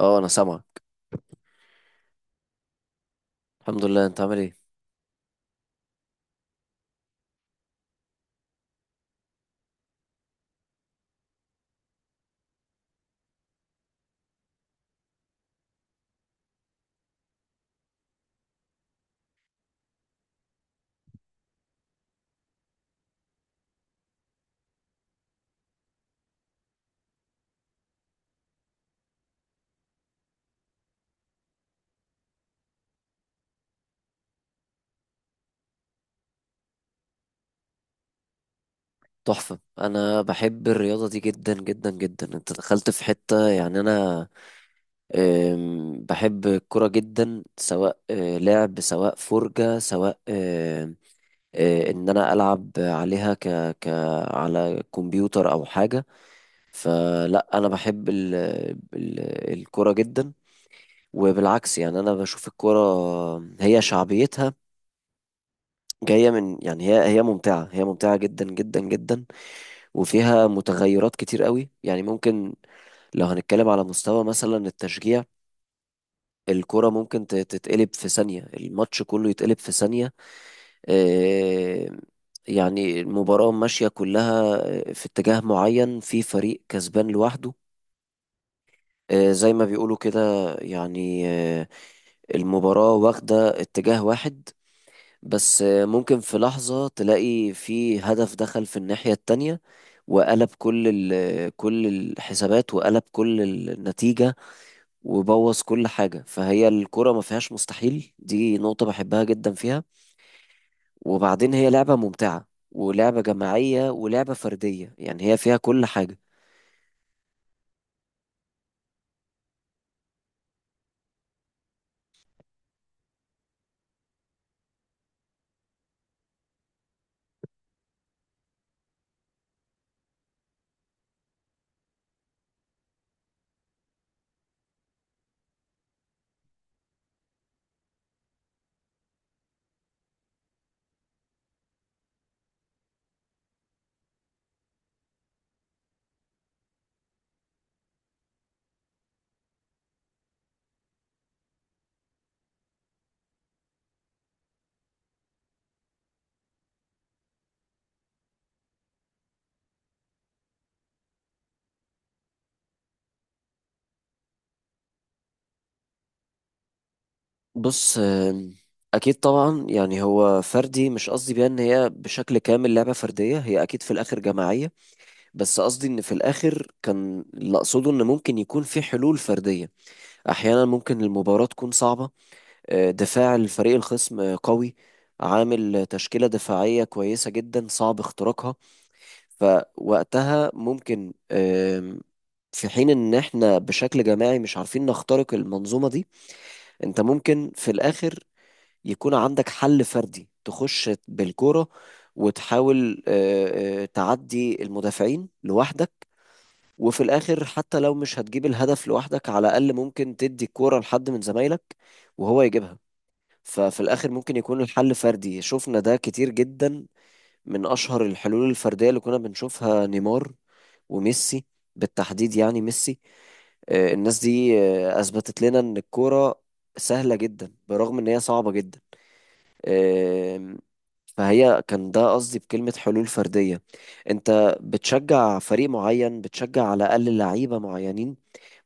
اه، انا سامعك. الحمد لله، انت عامل ايه؟ تحفة. انا بحب الرياضة دي جدا جدا جدا. انت دخلت في حتة، يعني انا بحب الكرة جدا، سواء لعب، سواء فرجة، سواء ان انا العب عليها ك ك على كمبيوتر او حاجة. فلا انا بحب ال... الكرة جدا. وبالعكس، يعني انا بشوف الكرة هي شعبيتها جاية من، يعني هي ممتعة، هي ممتعة جدا جدا جدا. وفيها متغيرات كتير قوي، يعني ممكن لو هنتكلم على مستوى مثلا التشجيع، الكرة ممكن تتقلب في ثانية، الماتش كله يتقلب في ثانية. آه، يعني المباراة ماشية كلها في اتجاه معين، في فريق كسبان لوحده. زي ما بيقولوا كده، يعني المباراة واخدة اتجاه واحد، بس ممكن في لحظة تلاقي في هدف دخل في الناحية التانية، وقلب كل الحسابات، وقلب كل النتيجة، وبوظ كل حاجة. فهي الكرة ما فيهاش مستحيل، دي نقطة بحبها جدا فيها. وبعدين هي لعبة ممتعة، ولعبة جماعية، ولعبة فردية، يعني هي فيها كل حاجة. بص، أكيد طبعا. يعني هو فردي، مش قصدي بيها إن هي بشكل كامل لعبة فردية، هي أكيد في الآخر جماعية. بس قصدي ان في الاخر، كان اللي اقصده ان ممكن يكون في حلول فرديه. احيانا ممكن المباراه تكون صعبه، دفاع الفريق الخصم قوي، عامل تشكيله دفاعيه كويسه جدا، صعب اختراقها. فوقتها ممكن في حين ان احنا بشكل جماعي مش عارفين نخترق المنظومه دي، انت ممكن في الاخر يكون عندك حل فردي، تخش بالكوره وتحاول تعدي المدافعين لوحدك. وفي الاخر، حتى لو مش هتجيب الهدف لوحدك، على الاقل ممكن تدي الكوره لحد من زمايلك وهو يجيبها. ففي الاخر، ممكن يكون الحل فردي. شفنا ده كتير جدا. من اشهر الحلول الفرديه اللي كنا بنشوفها نيمار وميسي، بالتحديد يعني ميسي. الناس دي اثبتت لنا ان الكوره سهله جدا، برغم ان هي صعبه جدا. آم، فهي كان ده قصدي بكلمه حلول فرديه. انت بتشجع فريق معين، بتشجع على الاقل لعيبه معينين،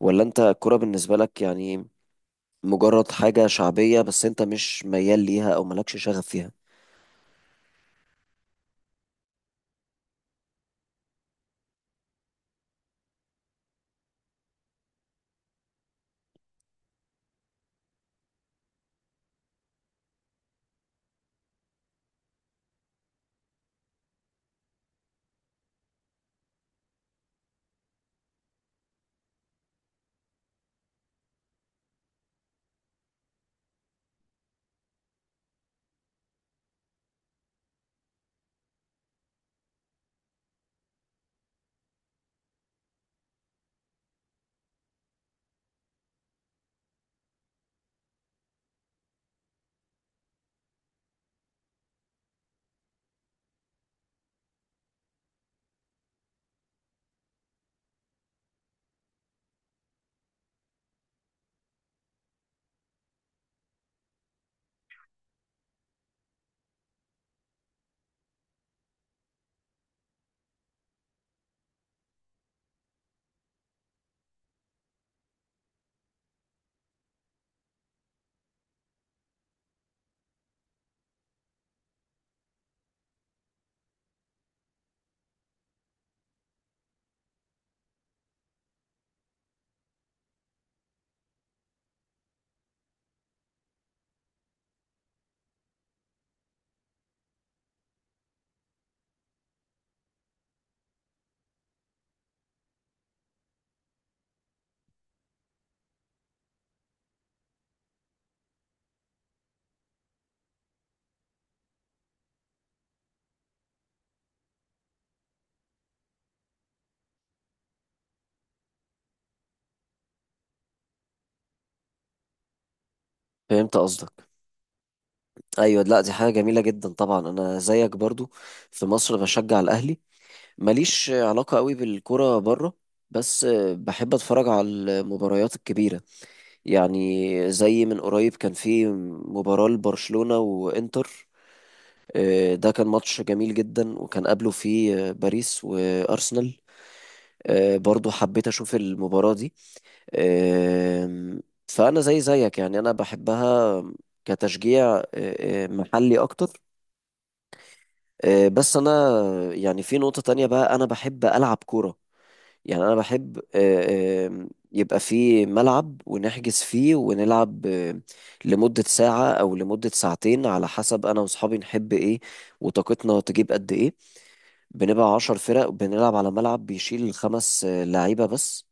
ولا انت الكوره بالنسبه لك يعني مجرد حاجه شعبيه بس انت مش ميال ليها او مالكش شغف فيها؟ فهمت قصدك. ايوه، لا، دي حاجه جميله جدا طبعا. انا زيك برضو، في مصر بشجع الاهلي، ماليش علاقه قوي بالكوره بره. بس بحب اتفرج على المباريات الكبيره، يعني زي من قريب كان في مباراه لبرشلونه وانتر. ده كان ماتش جميل جدا، وكان قبله فيه باريس وارسنال. برضو حبيت اشوف المباراه دي. أم، فأنا زي زيك، يعني أنا بحبها كتشجيع أه، أه، محلي أكتر. بس أنا يعني في نقطة تانية بقى، أنا بحب ألعب كورة. يعني أنا بحب أه، أم، يبقى في ملعب، ونحجز فيه، ونلعب لمدة ساعة أو لمدة ساعتين، على حسب أنا وأصحابي نحب إيه وطاقتنا تجيب قد إيه. بنبقى 10 فرق، بنلعب على ملعب بيشيل خمس لعيبة بس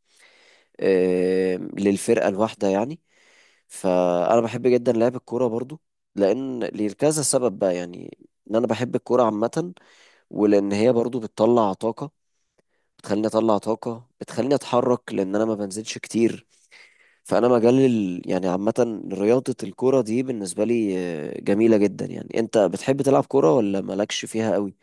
للفرقة الواحدة، يعني. فانا بحب جدا لعب الكوره برضو، لان لكذا سبب بقى، يعني ان انا بحب الكوره عامه، ولان هي برضو بتطلع طاقه، بتخليني اطلع طاقه، بتخليني اتحرك، لان انا ما بنزلش كتير. فانا مجال يعني عامه رياضه الكوره دي بالنسبه لي جميله جدا. يعني انت بتحب تلعب كوره ولا مالكش فيها قوي؟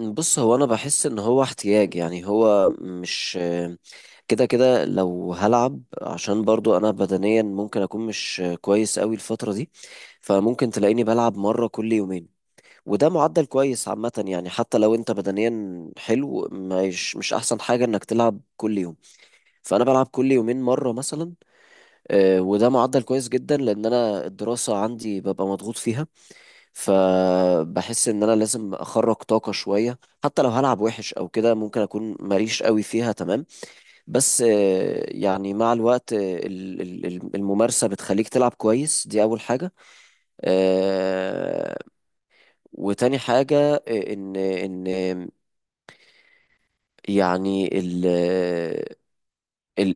بص، هو انا بحس ان هو احتياج، يعني هو مش كده كده. لو هلعب عشان برضو انا بدنيا ممكن اكون مش كويس قوي الفترة دي، فممكن تلاقيني بلعب مرة كل يومين، وده معدل كويس عامة. يعني حتى لو انت بدنيا حلو، مش احسن حاجة انك تلعب كل يوم. فانا بلعب كل يومين مرة مثلا، وده معدل كويس جدا، لان انا الدراسة عندي ببقى مضغوط فيها. فبحس ان انا لازم اخرج طاقة شوية، حتى لو هلعب وحش او كده، ممكن اكون ماليش قوي فيها تمام. بس يعني مع الوقت الممارسة بتخليك تلعب كويس، دي اول حاجة. آه، وتاني حاجة، ان يعني ال ال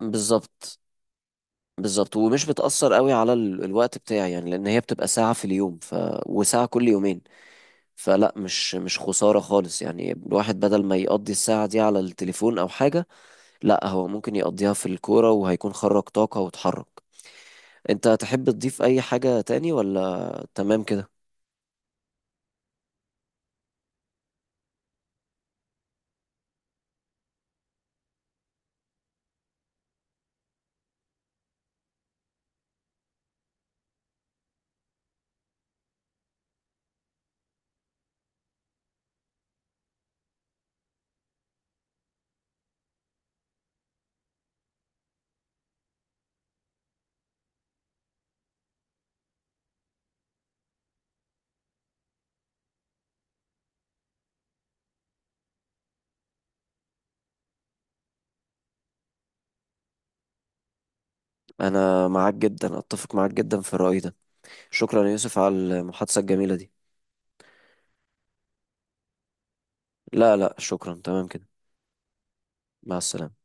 بالظبط. بالظبط، ومش بتأثر قوي على الوقت بتاعي، يعني لان هي بتبقى ساعة في اليوم وساعة كل يومين. فلا، مش خسارة خالص، يعني الواحد بدل ما يقضي الساعة دي على التليفون أو حاجة، لا هو ممكن يقضيها في الكورة، وهيكون خرج طاقة واتحرك. أنت تحب تضيف أي حاجة تاني، ولا تمام كده؟ أنا معاك جدا، أتفق معاك جدا في الرأي ده. شكرا يا يوسف على المحادثة الجميلة دي. لا لا، شكرا، تمام كده. مع السلامة.